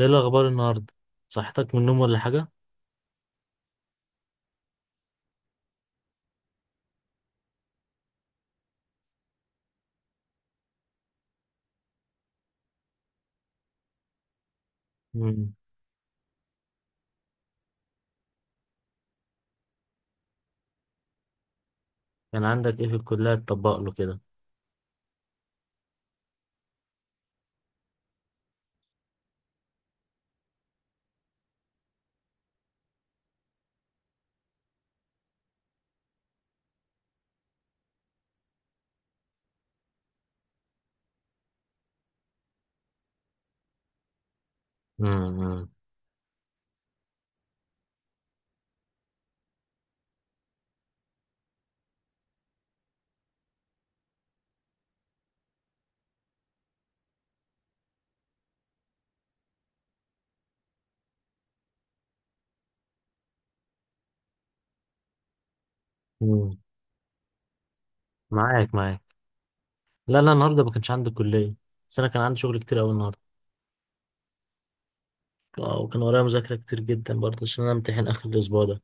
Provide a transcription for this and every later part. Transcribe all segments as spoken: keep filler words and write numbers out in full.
ايه الاخبار النهارده؟ صحتك من النوم ولا حاجه؟ امم. كان عندك ايه في الكليه تطبق له كده؟ امم، امم. معاك، معاك. لا، لا، النهارده ما كانش عندي كليه. بس انا كان عندي شغل كتير قوي النهارده. آه، وكان ورايا مذاكره كتير جدا برضه عشان انا امتحن اخر الاسبوع ده.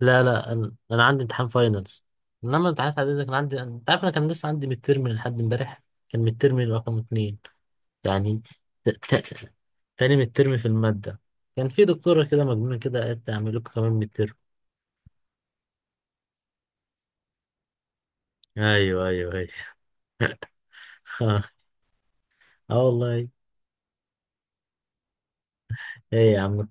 لا، لا، انا, أنا عندي امتحان فاينلز. انما الامتحانات العاديه ده كان عندي، انت عارف انا كان لسه عندي ميد ترم لحد امبارح. كان ميد ترم رقم اتنين يعني. ت... ت... تاني ميد ترم في الماده. كان في دكتوره كده مجنونه كده، قالت اعمل لكم كمان ميد. ايوه، ايوه، ايوه. اه والله. ايه يا عم؟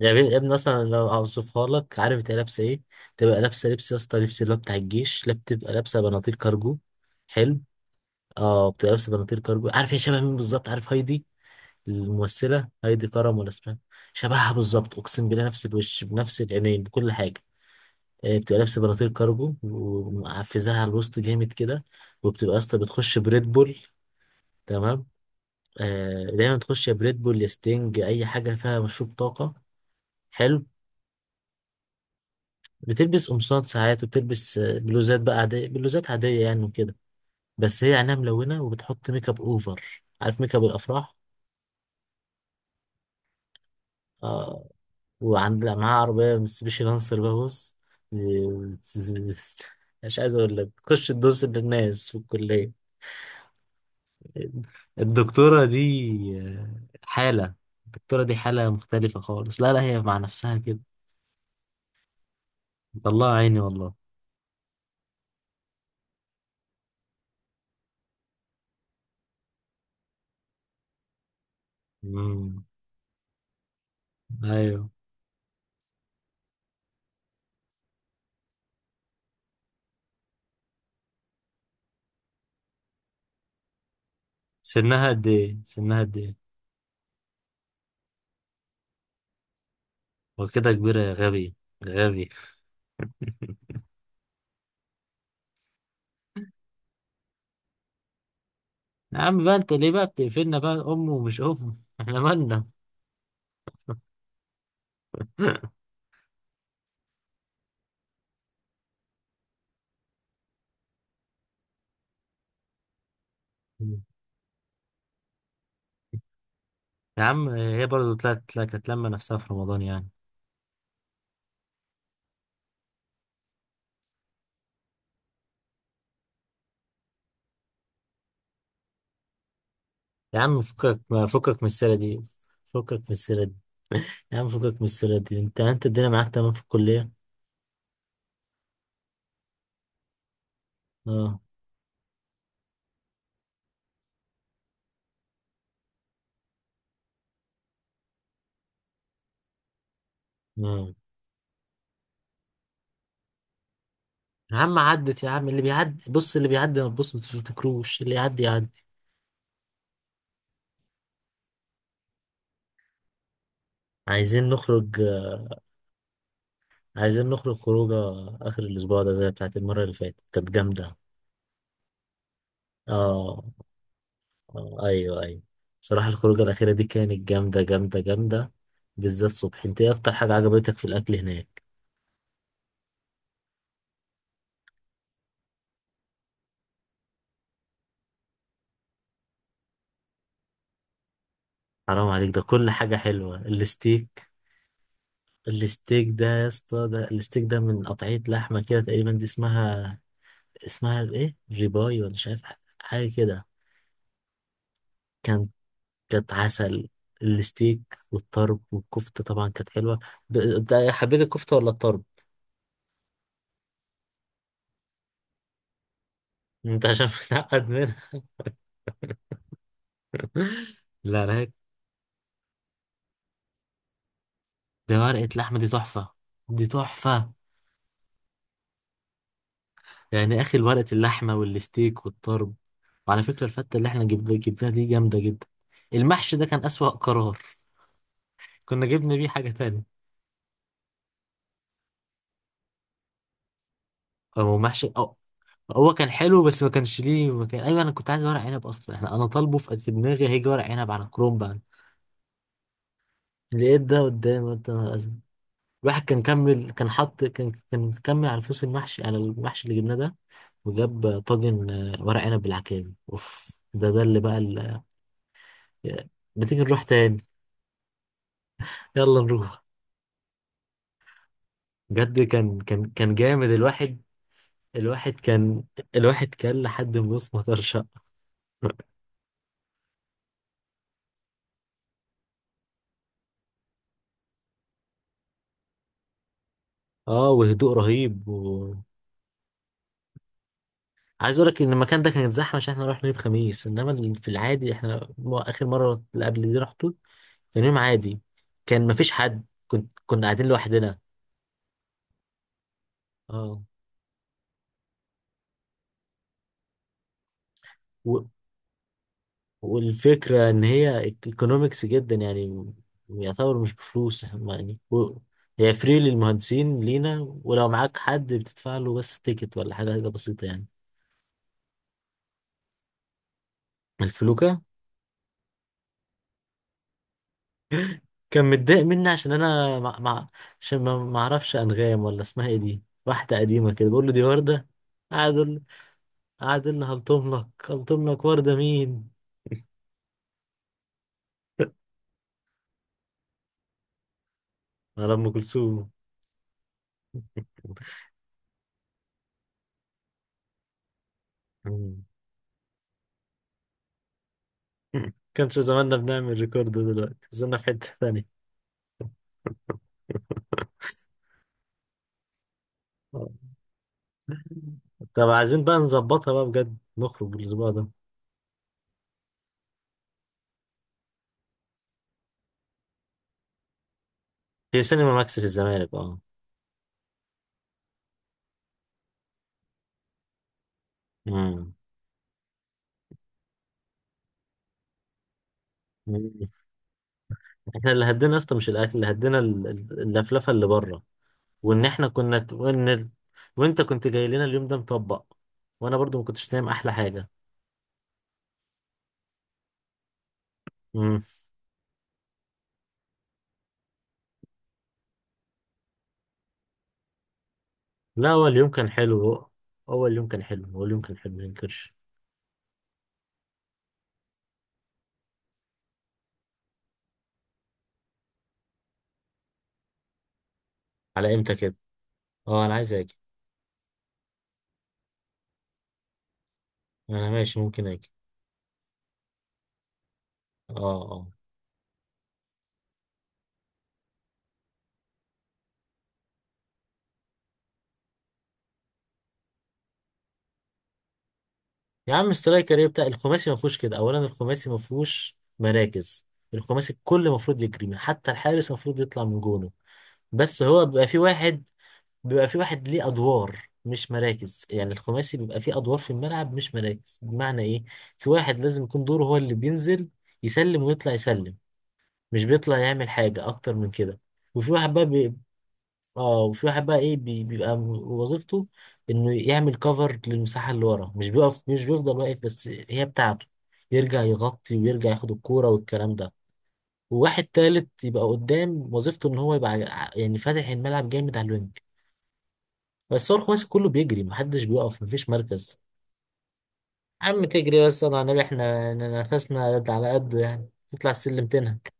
يا ابني، يا ابني، مثلا لو اوصفها لك، عارف تبقى لابسه ايه؟ تبقى لابسه لبس، يا اسطى، لبس اللي هو بتاع الجيش، لا بتبقى لابسه بناطيل كارجو. حلو. اه، بتبقى لابسه بناطيل كارجو، عارف هي شبه مين بالظبط؟ عارف هايدي؟ الممثله هايدي كرم ولا اسمها؟ شبهها بالظبط، اقسم بالله، نفس الوش بنفس العينين بكل حاجه. آه، بتبقى لابسه بناطيل كارجو ومعفزاها على الوسط جامد كده. وبتبقى يا اسطى بتخش بريد بول. تمام. آه، دايما تخش يا بريد بول يا ستينج، اي حاجه فيها مشروب طاقه. حلو. بتلبس قمصان ساعات، وبتلبس آه، بلوزات بقى عاديه، بلوزات عاديه يعني وكده. بس هي عينها ملونه وبتحط ميك اب اوفر، عارف ميك اب الافراح؟ آه، وعند، لا، معاها عربيه mitsubishi لانسر بقى، بص. مش عايز اقول لك تخش تدوس للناس في الكليه. الدكتوره دي آه، حاله. الدكتوره دي حاله مختلفه خالص، لا، لا، هي مع نفسها كده. الله، عيني والله. مم. ايوه. سنها قد ايه؟ سنها قد ايه؟ وكده كبيرة يا غبي؟ غبي! يا عم بقى، انت ليه بقى بتقفلنا بقى ام ومش ام، احنا مالنا؟ يا عم، هي برضه طلعت طلعت كانت لما نفسها في رمضان يعني. يا عم فكك. فكك من السيرة دي. فكك من السيرة دي. يا عم فكك من السيرة دي، انت انت الدنيا معاك تمام في الكلية؟ اه، اه. يا عم عدت، يا عم اللي بيعدي، بص، اللي بيعدي ما تبص ما تفتكروش، اللي يعدي يعدي. عايزين نخرج عايزين نخرج خروجه. آخر الأسبوع ده زي بتاعت المرة اللي فاتت كانت جامدة. آه، آه، أيوه، أيوه. بصراحة الخروجة الأخيرة دي كانت جامدة، جامدة، جامدة. بالذات صبح، أنت إيه أكتر حاجة عجبتك في الأكل هناك؟ حرام عليك، ده كل حاجة حلوة، الستيك. الستيك ده يا اسطى، ده الستيك ده من قطعية لحمة كده، تقريبا دي اسمها. اسمها إيه؟ ريباي ولا مش عارف. حاجة كده. كانت كانت عسل. الستيك. والطرب والكفتة طبعا كانت حلوة. ده ده- حبيت الكفتة ولا الطرب؟ انت عشان متعقد منها. لا، لا. ده ورقة لحمة دي تحفة. دي تحفة. يعني يا اخي، ورقة اللحمة والستيك والطرب. وعلى فكرة الفتة اللي احنا جبنا جبناها دي جامدة جدا. المحشي ده كان أسوأ قرار. كنا جبنا بيه حاجة تانية. هو محشي أو. هو كان حلو بس ما كانش ليه ما كان... ايوه انا كنت عايز ورق عنب اصلا، احنا انا طالبه في في دماغي هيجي ورق عنب على كرومب على- لقيت ده قدامي قلت انا. الواحد كان كمل، كان حط، كان كان كمل على الفصل المحشي على المحشي اللي جبناه ده. وجاب طاجن آه، ورق عنب بالعكاوي، اوف، ده ده اللي بقى ال- ما تيجي نروح تاني؟ يلا نروح. بجد كان كان كان جامد الواحد. الواحد كان. الواحد كان لحد ما بص مطر شقة. اه، وهدوء رهيب و... عايز اقول لك ان المكان ده كانت زحمه عشان احنا رحنا يوم خميس، انما ال- في العادي احنا مو- اخر مره اللي قبل دي رحته. كان يوم عادي. كان مفيش حد، كنت كنا قاعدين لوحدنا. اه. والفكرة إن هي ايكونومكس جدا يعني. يعتبر مش بفلوس هم يعني و- هي فري للمهندسين لينا، ولو معاك حد بتدفع له بس تيكت ولا حاجة، حاجة بسيطة يعني. الفلوكة. كان متضايق مني عشان أنا مع... مع... عشان ما ما أعرفش أنغام ولا اسمها إيه، دي واحدة قديمة كده بقول له دي وردة. قعد يقول- قعد يقول لي: هلطم لك، هلطم لك، وردة مين؟ على أم كلثوم. كانش زماننا، بنعمل ريكورد دلوقتي؟ زلنا في حتة تانية. طب عايزين بقى نظبطها بقى، بجد نخرج الأسبوع ده. في سينما ماكس في الزمالك، اه. مم. مم. احنا اللي هدينا اصلا مش الاكل اللي هدينا، ال- ال- اللفلفه اللي بره. وان احنا كنا ت- وان ال- وانت كنت جاي لنا اليوم ده مطبق. وانا برضو ما كنتش نايم، احلى حاجه. مم. لا، هو اليوم كان حلو. اول يوم كان حلو، هو اليوم كان حلو ما ينكرش. على امتى كده؟ اه، انا عايز اجي. انا ماشي، ممكن اجي. اه، اه. يا عم سترايكر ايه؟ بتاع الخماسي ما فيهوش كده. اولا الخماسي ما فيهوش مراكز. الخماسي الكل المفروض يجري، حتى الحارس المفروض يطلع من جونه. بس هو بيبقى في واحد. بيبقى في واحد ليه ادوار مش مراكز، يعني الخماسي بيبقى فيه ادوار في الملعب مش مراكز، بمعنى ايه؟ في واحد لازم يكون دوره هو اللي بينزل. يسلم، ويطلع يسلم. مش بيطلع يعمل حاجة اكتر من كده. وفي واحد بقى. اه، وفي واحد بقى ايه، بي- بيبقى م- وظيفته انه يعمل كفر للمساحه اللي ورا، مش بيقف، مش بيفضل واقف بس هي بتاعته. يرجع يغطي ويرجع ياخد الكوره والكلام ده. وواحد تالت يبقى قدام، وظيفته ان هو يبقى ع- يعني فاتح الملعب جامد على الوينج. بس هو الخماسي كله بيجري، محدش بيقف، مفيش مركز. عم تجري؟ بس انا النبي احنا إن نفسنا قد- على قده، يعني تطلع السلم تنهك.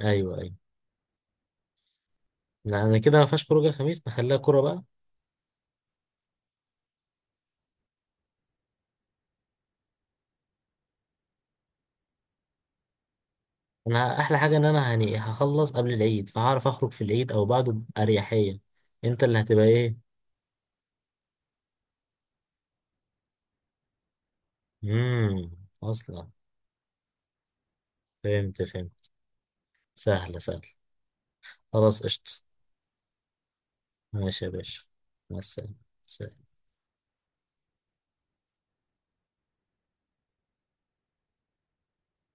ايوه، ايوه. يعني كده ما فيهاش خروجه خميس، نخليها كوره بقى. انا احلى حاجه ان انا يعني هخلص قبل العيد، فهعرف اخرج في العيد او بعده باريحيه. انت اللي هتبقى ايه؟ امم. اصلا. فهمت، فهمت. سهله، سهله. خلاص، قشطه. ماشي يا باشا. مع السلامه. سلام.